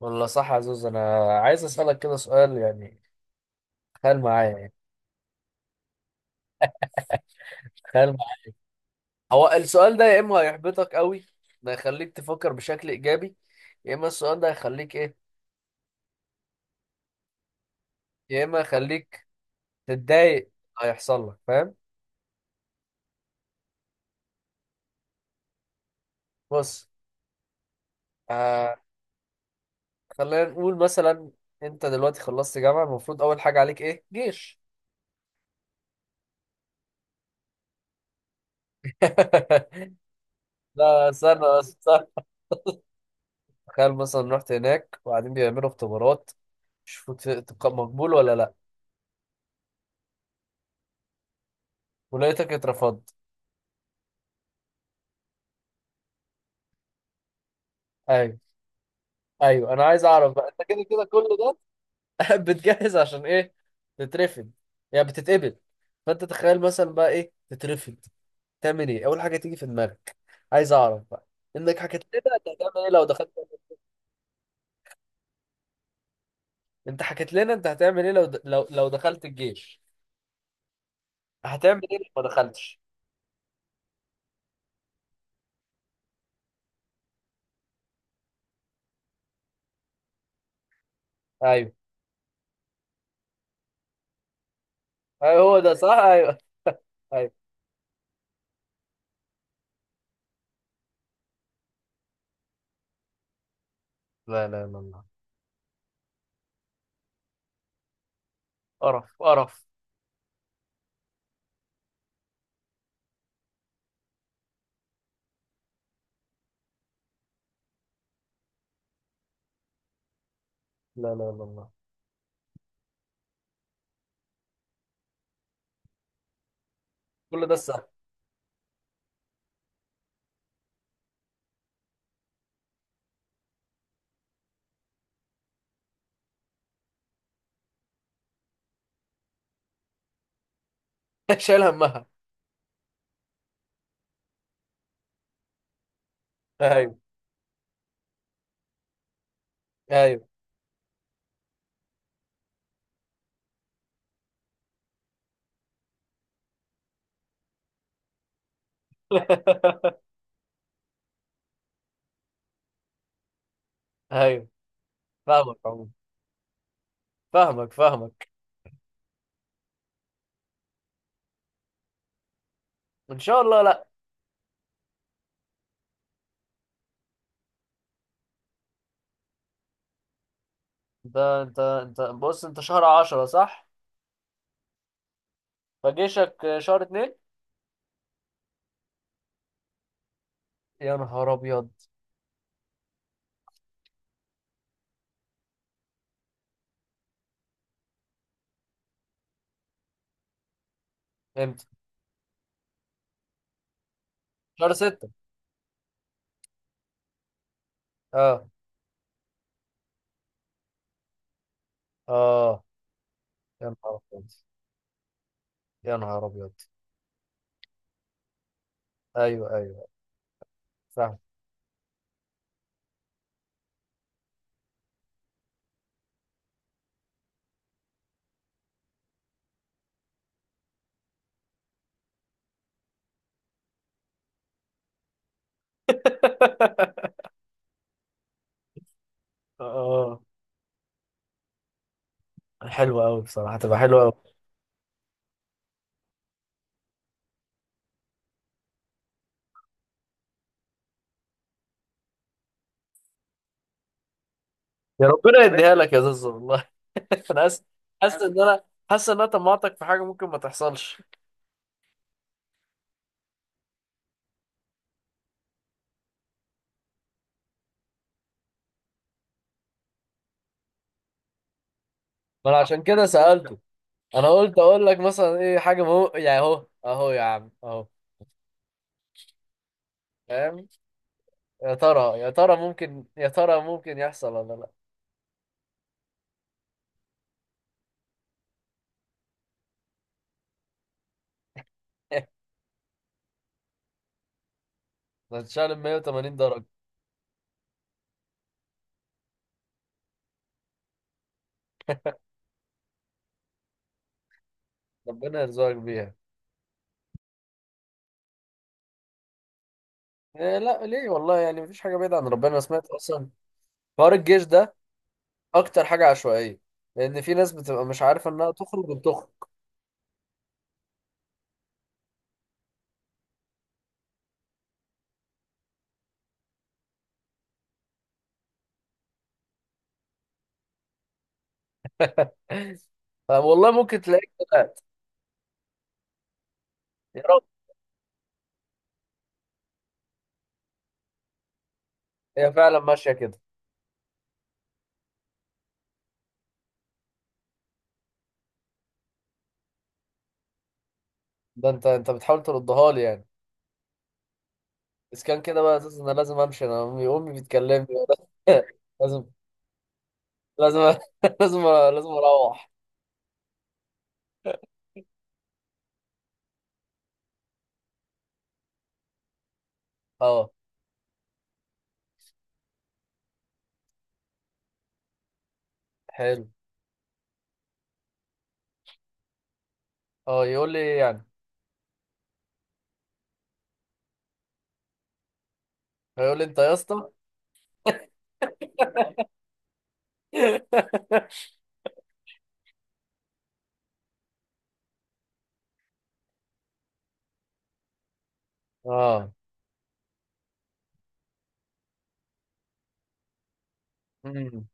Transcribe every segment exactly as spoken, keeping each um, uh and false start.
والله صح يا زوز، انا عايز اسالك كده سؤال يعني. تخيل معايا يعني، تخيل معايا. هو السؤال ده يا اما هيحبطك قوي، ده يخليك تفكر بشكل ايجابي، يا اما السؤال ده هيخليك ايه، يا اما يخليك تتضايق هيحصل لك، فاهم؟ بص، آه، خلينا نقول مثلا انت دلوقتي خلصت جامعه، المفروض اول حاجه عليك ايه؟ جيش. لا استنى بس، استنى. تخيل مثلا رحت هناك وبعدين بيعملوا اختبارات يشوفوا ت- تبقى مقبول ولا لا، ولقيتك اترفضت. ايوه، ايوه، انا عايز اعرف بقى انت كده كده كل ده بتجهز عشان ايه؟ تترفض يعني بتتقبل؟ فانت تخيل مثلا بقى ايه تترفض، تعمل ايه؟ اول حاجه تيجي في دماغك، عايز اعرف بقى، انك حكيت لنا انت هتعمل ايه لو دخلت. انت حكيت لنا انت هتعمل ايه لو د... لو لو دخلت الجيش، هتعمل ايه لو ما دخلتش؟ ايوه، ايوه، هو ده صح، ايوه، ايوه. لا لا لا، الله. قرف قرف. لا لا لا، الله. كل ده سهل. شايل همها. ايوه، ايوه. ايوه. فاهمك عموما، فاهمك فاهمك ان شاء الله لا. انت انت انت بص، انت شهر عشرة صح؟ فجيشك شهر اتنين. يا نهار ابيض. امتى؟ شهر ستة. اه. اه. يا نهار ابيض، يا نهار ابيض. ايوه، ايوه، فاهم. اه، حلوة قوي بصراحة، تبقى حلوة قوي. يا ربنا يديها لك يا زوز، والله. انا حاسس، حاسس ان انا حاسس ان انا طمعتك في حاجة ممكن ما تحصلش. ما انا عشان كده سألته. انا قلت اقول لك مثلا ايه حاجة، مهو يعني اهو اهو يا عم اهو. فاهم؟ يا ترى يا ترى ممكن يا ترى ممكن يحصل ولا لا؟ هتشال مية وتمانين درجة. ربنا يرزقك بيها. إيه؟ لا ليه، والله يعني مفيش حاجة بعيدة عن ربنا. أنا سمعت أصلا حوار الجيش ده أكتر حاجة عشوائية، لأن في ناس بتبقى مش عارفة إنها تخرج وبتخرج. والله ممكن تلاقيك طلعت. يا رب. هي فعلا ماشية كده. ده أنت، أنت بتحاول تردها لي يعني؟ بس كان كده بقى أساس، أنا لازم أمشي، أنا أمي، أمي بتكلمني. لازم، لازم. لازم، لازم أروح. أه، حلو. أه، يقول لي إيه يعني؟ هيقول لي انت يا اسطى. اه. مم.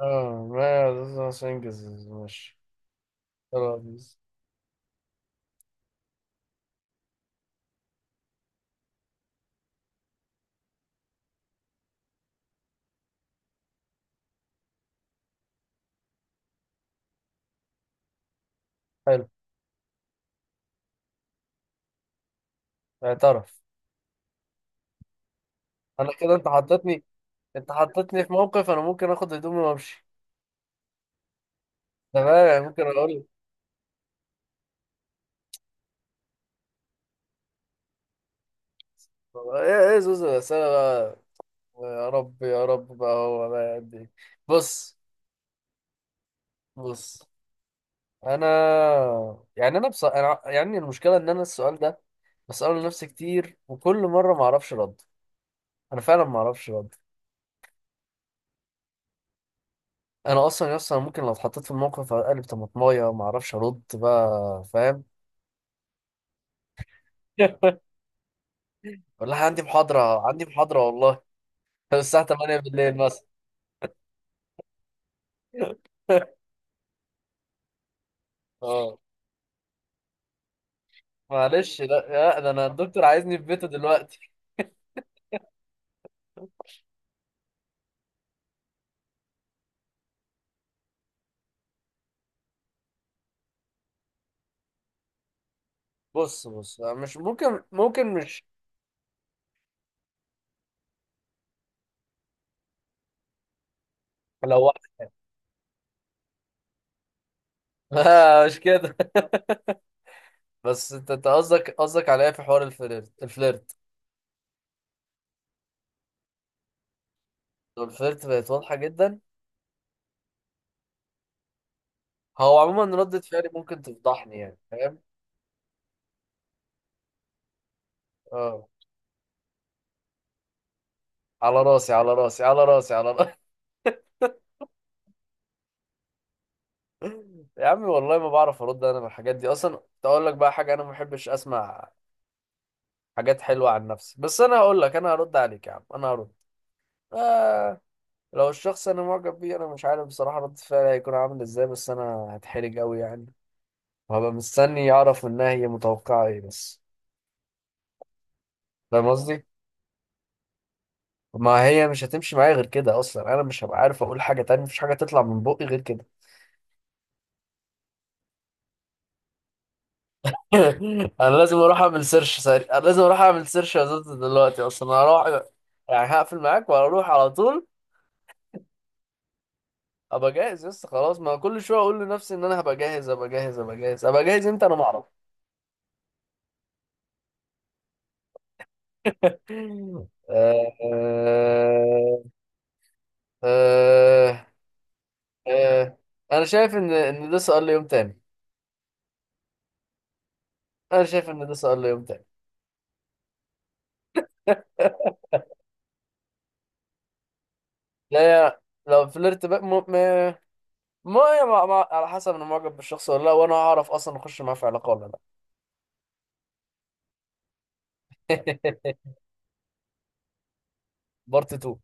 اه، ما عشان انجز، ماشي. خلاص. حلو. اعترف. انا كده، انت حطيتني، انت حطيتني في موقف انا ممكن اخد هدومي وامشي. تمام يعني، ممكن اقول ايه؟ ايه زوز الاسئله بقى؟ يا رب، يا رب بقى هو بقى قد ايه. بص، بص انا يعني، انا بص... أنا... يعني المشكله ان انا السؤال ده بساله لنفسي كتير وكل مره ما اعرفش رد. انا فعلا ما اعرفش رد. انا اصلا يا اسطى، أنا ممكن لو اتحطيت في الموقف اقلب طماطمايه وما اعرفش ارد بقى، فاهم؟ ولا عندي محاضره، عندي محاضره والله. الساعه تمانية بالليل مثلا. اه. معلش، لا لا، ده انا الدكتور عايزني في بيته دلوقتي. بص بص، مش ممكن، ممكن مش. لو لا مش كده. بس انت، أنت قصدك، قصدك عليا في حوار الفليرت الفليرت. لو الفليرت بقت واضحه جدا، هو عموما ردة فعلي ممكن تفضحني يعني، فاهم؟ اه، على راسي، على راسي، على راسي، على. يا عمي والله ما بعرف ارد انا من الحاجات دي اصلا، كنت اقول لك بقى حاجه انا ما بحبش اسمع حاجات حلوه عن نفسي، بس انا هقول لك، انا هرد عليك يا عم، انا هرد. آه. لو الشخص انا معجب بيه، انا مش عارف بصراحه رد فعلي هيكون عامل ازاي، بس انا هتحرج قوي يعني، وهبقى مستني اعرف منها هي متوقعه ايه بس. فاهم قصدي؟ ما هي مش هتمشي معايا غير كده، اصلا انا مش هبقى عارف اقول حاجه تانية، مفيش حاجه تطلع من بقي غير كده. انا لازم اروح اعمل سيرش سريع، انا لازم اروح اعمل سيرش يا زوز دلوقتي، اصلا انا هروح. يعني هقفل معاك وهروح على طول. ابقى جاهز؟ لسه خلاص، ما كل شويه اقول لنفسي ان انا هبقى جاهز، ابقى جاهز، ابقى جاهز، ابقى جاهز، انت انا ما اعرف. آه، آه، آه، آه. انا شايف ان ان ده سؤال ليوم تاني. انا شايف ان ده سؤال ليوم تاني. لا يا، لو فلرت بقى م... م... ما ما ما على حسب انا معجب بالشخص ولا لا، وانا هعرف اصلا اخش معاه في علاقه ولا لا. بارت اتنين.